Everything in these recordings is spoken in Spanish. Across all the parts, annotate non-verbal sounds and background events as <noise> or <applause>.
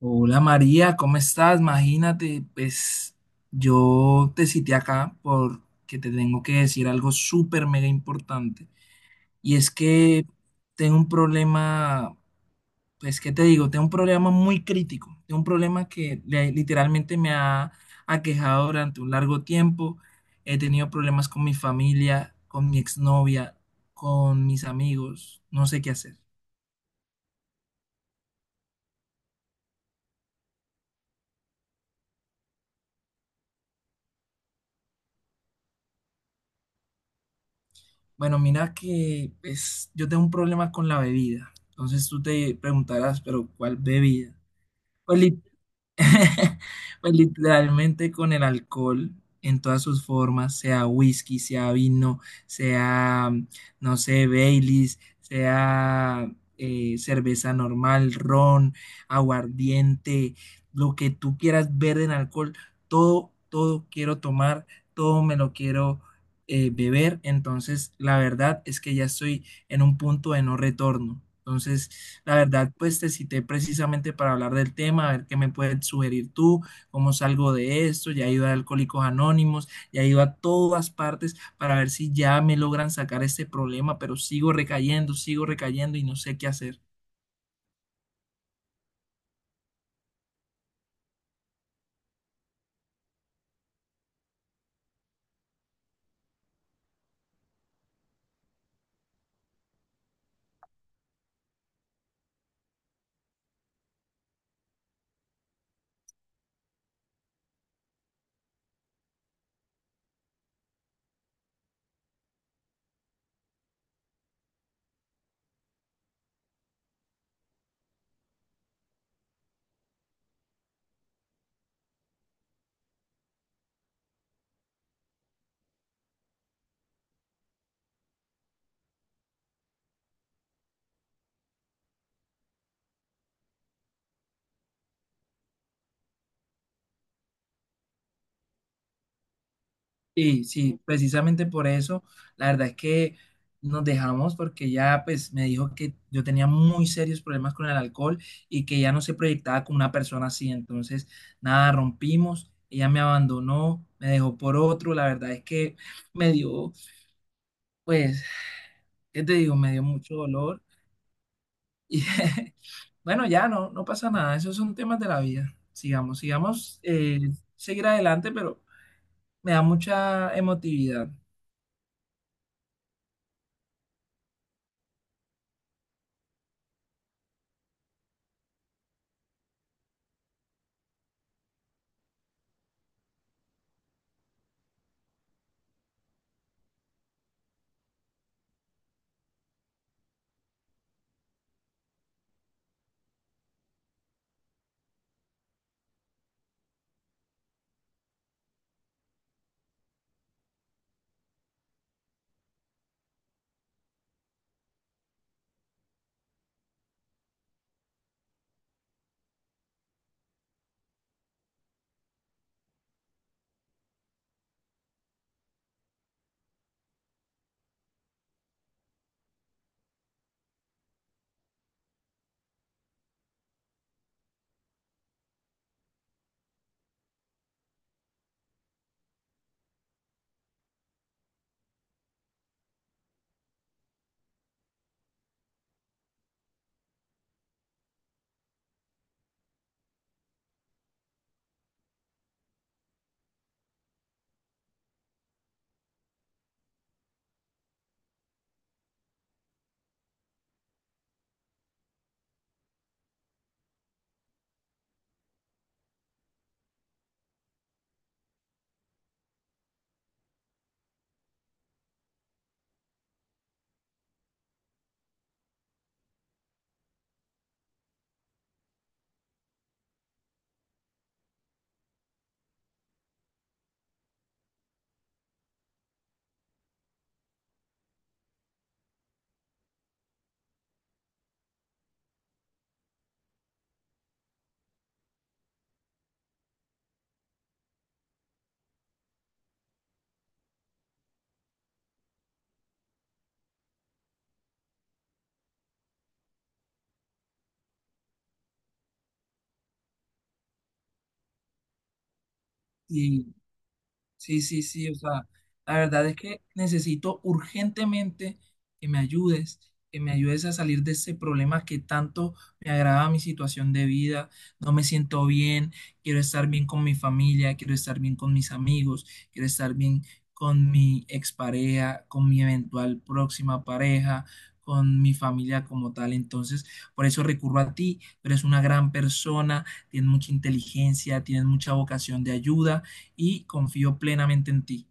Hola María, ¿cómo estás? Imagínate, pues yo te cité acá porque te tengo que decir algo súper mega importante. Y es que tengo un problema, pues ¿qué te digo? Tengo un problema muy crítico. Tengo un problema que literalmente me ha aquejado durante un largo tiempo. He tenido problemas con mi familia, con mi exnovia, con mis amigos. No sé qué hacer. Bueno, mira que pues, yo tengo un problema con la bebida. Entonces tú te preguntarás, pero ¿cuál bebida? Pues <laughs> Pues literalmente con el alcohol en todas sus formas, sea whisky, sea vino, sea, no sé, Baileys, sea cerveza normal, ron, aguardiente, lo que tú quieras ver en alcohol, todo, todo quiero tomar, todo me lo quiero beber. Entonces, la verdad es que ya estoy en un punto de no retorno. Entonces, la verdad, pues te cité precisamente para hablar del tema, a ver qué me puedes sugerir tú, cómo salgo de esto. Ya he ido a Alcohólicos Anónimos, ya he ido a todas partes para ver si ya me logran sacar este problema, pero sigo recayendo y no sé qué hacer. Sí, sí, precisamente por eso, la verdad es que nos dejamos porque ya pues me dijo que yo tenía muy serios problemas con el alcohol y que ya no se proyectaba como una persona así, entonces nada, rompimos, ella me abandonó, me dejó por otro, la verdad es que me dio, pues, ¿qué te digo? Me dio mucho dolor y <laughs> bueno, ya no, no pasa nada, esos son temas de la vida, sigamos, sigamos, seguir adelante, pero me da mucha emotividad. Sí, sí, sí, o sea, la verdad es que necesito urgentemente que me ayudes, que me ayudes a salir de ese problema que tanto me agrava mi situación de vida, no me siento bien, quiero estar bien con mi familia, quiero estar bien con mis amigos, quiero estar bien con mi expareja, con mi eventual próxima pareja, con mi familia como tal. Entonces, por eso recurro a ti, tú eres una gran persona, tienes mucha inteligencia, tienes mucha vocación de ayuda y confío plenamente en ti.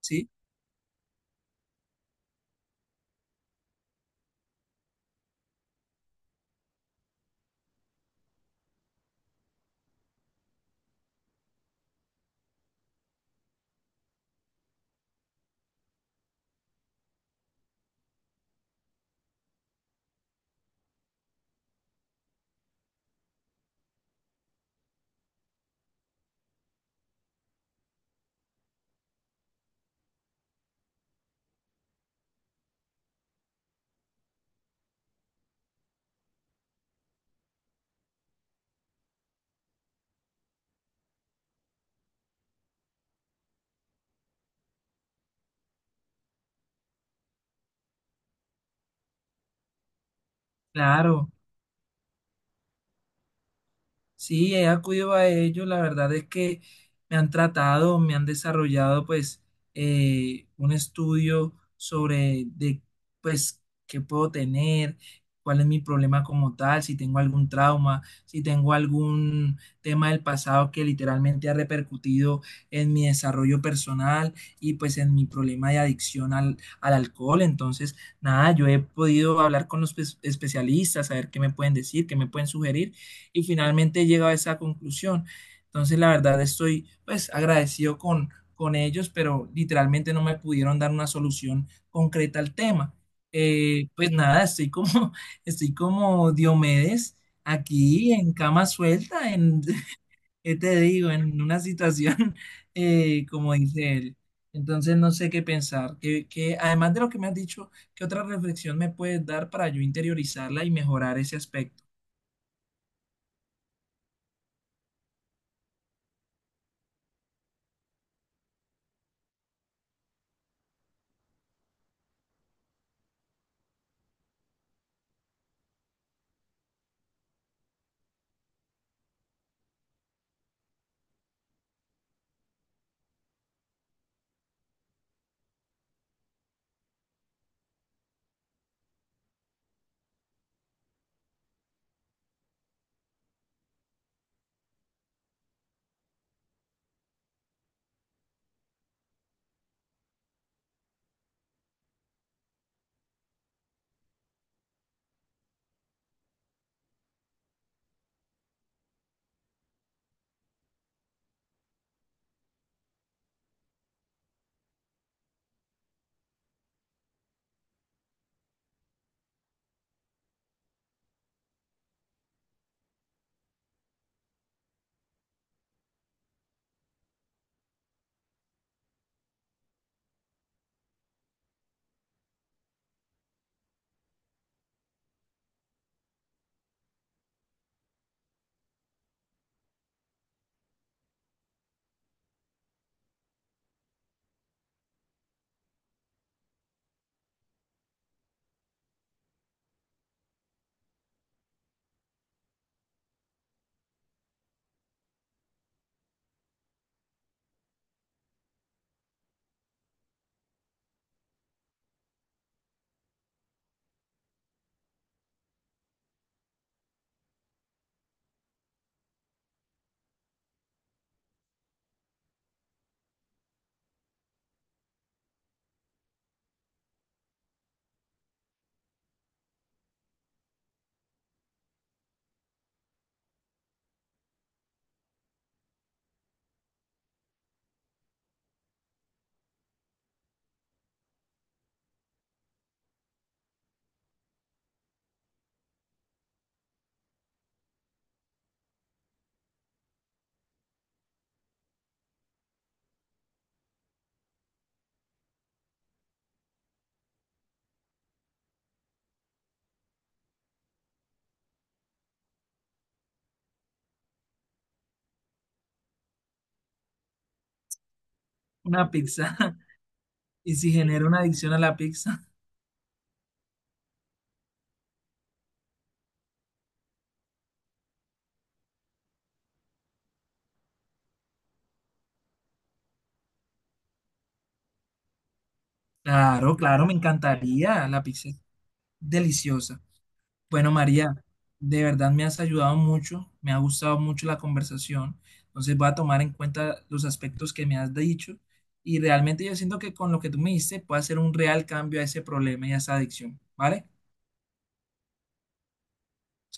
¿Sí? Claro. Sí, he acudido a ellos, la verdad es que me han tratado, me han desarrollado pues un estudio sobre de pues qué puedo tener, cuál es mi problema como tal, si tengo algún trauma, si tengo algún tema del pasado que literalmente ha repercutido en mi desarrollo personal y pues en mi problema de adicción al alcohol. Entonces, nada, yo he podido hablar con los especialistas, saber qué me pueden decir, qué me pueden sugerir y finalmente llego a esa conclusión. Entonces, la verdad, estoy pues agradecido con ellos, pero literalmente no me pudieron dar una solución concreta al tema. Pues nada, estoy como, <laughs> estoy como Diomedes aquí en cama suelta, en, <laughs> ¿qué te digo? En una situación, <laughs> como dice él. Entonces no sé qué pensar. Además de lo que me has dicho, ¿qué otra reflexión me puedes dar para yo interiorizarla y mejorar ese aspecto? Una pizza. <laughs> ¿Y si genera una adicción a la pizza? <laughs> Claro, claro, me encantaría. La pizza es deliciosa. Bueno, María, de verdad me has ayudado mucho, me ha gustado mucho la conversación. Entonces voy a tomar en cuenta los aspectos que me has dicho y realmente yo siento que con lo que tú me diste puedo hacer un real cambio a ese problema y a esa adicción, ¿vale?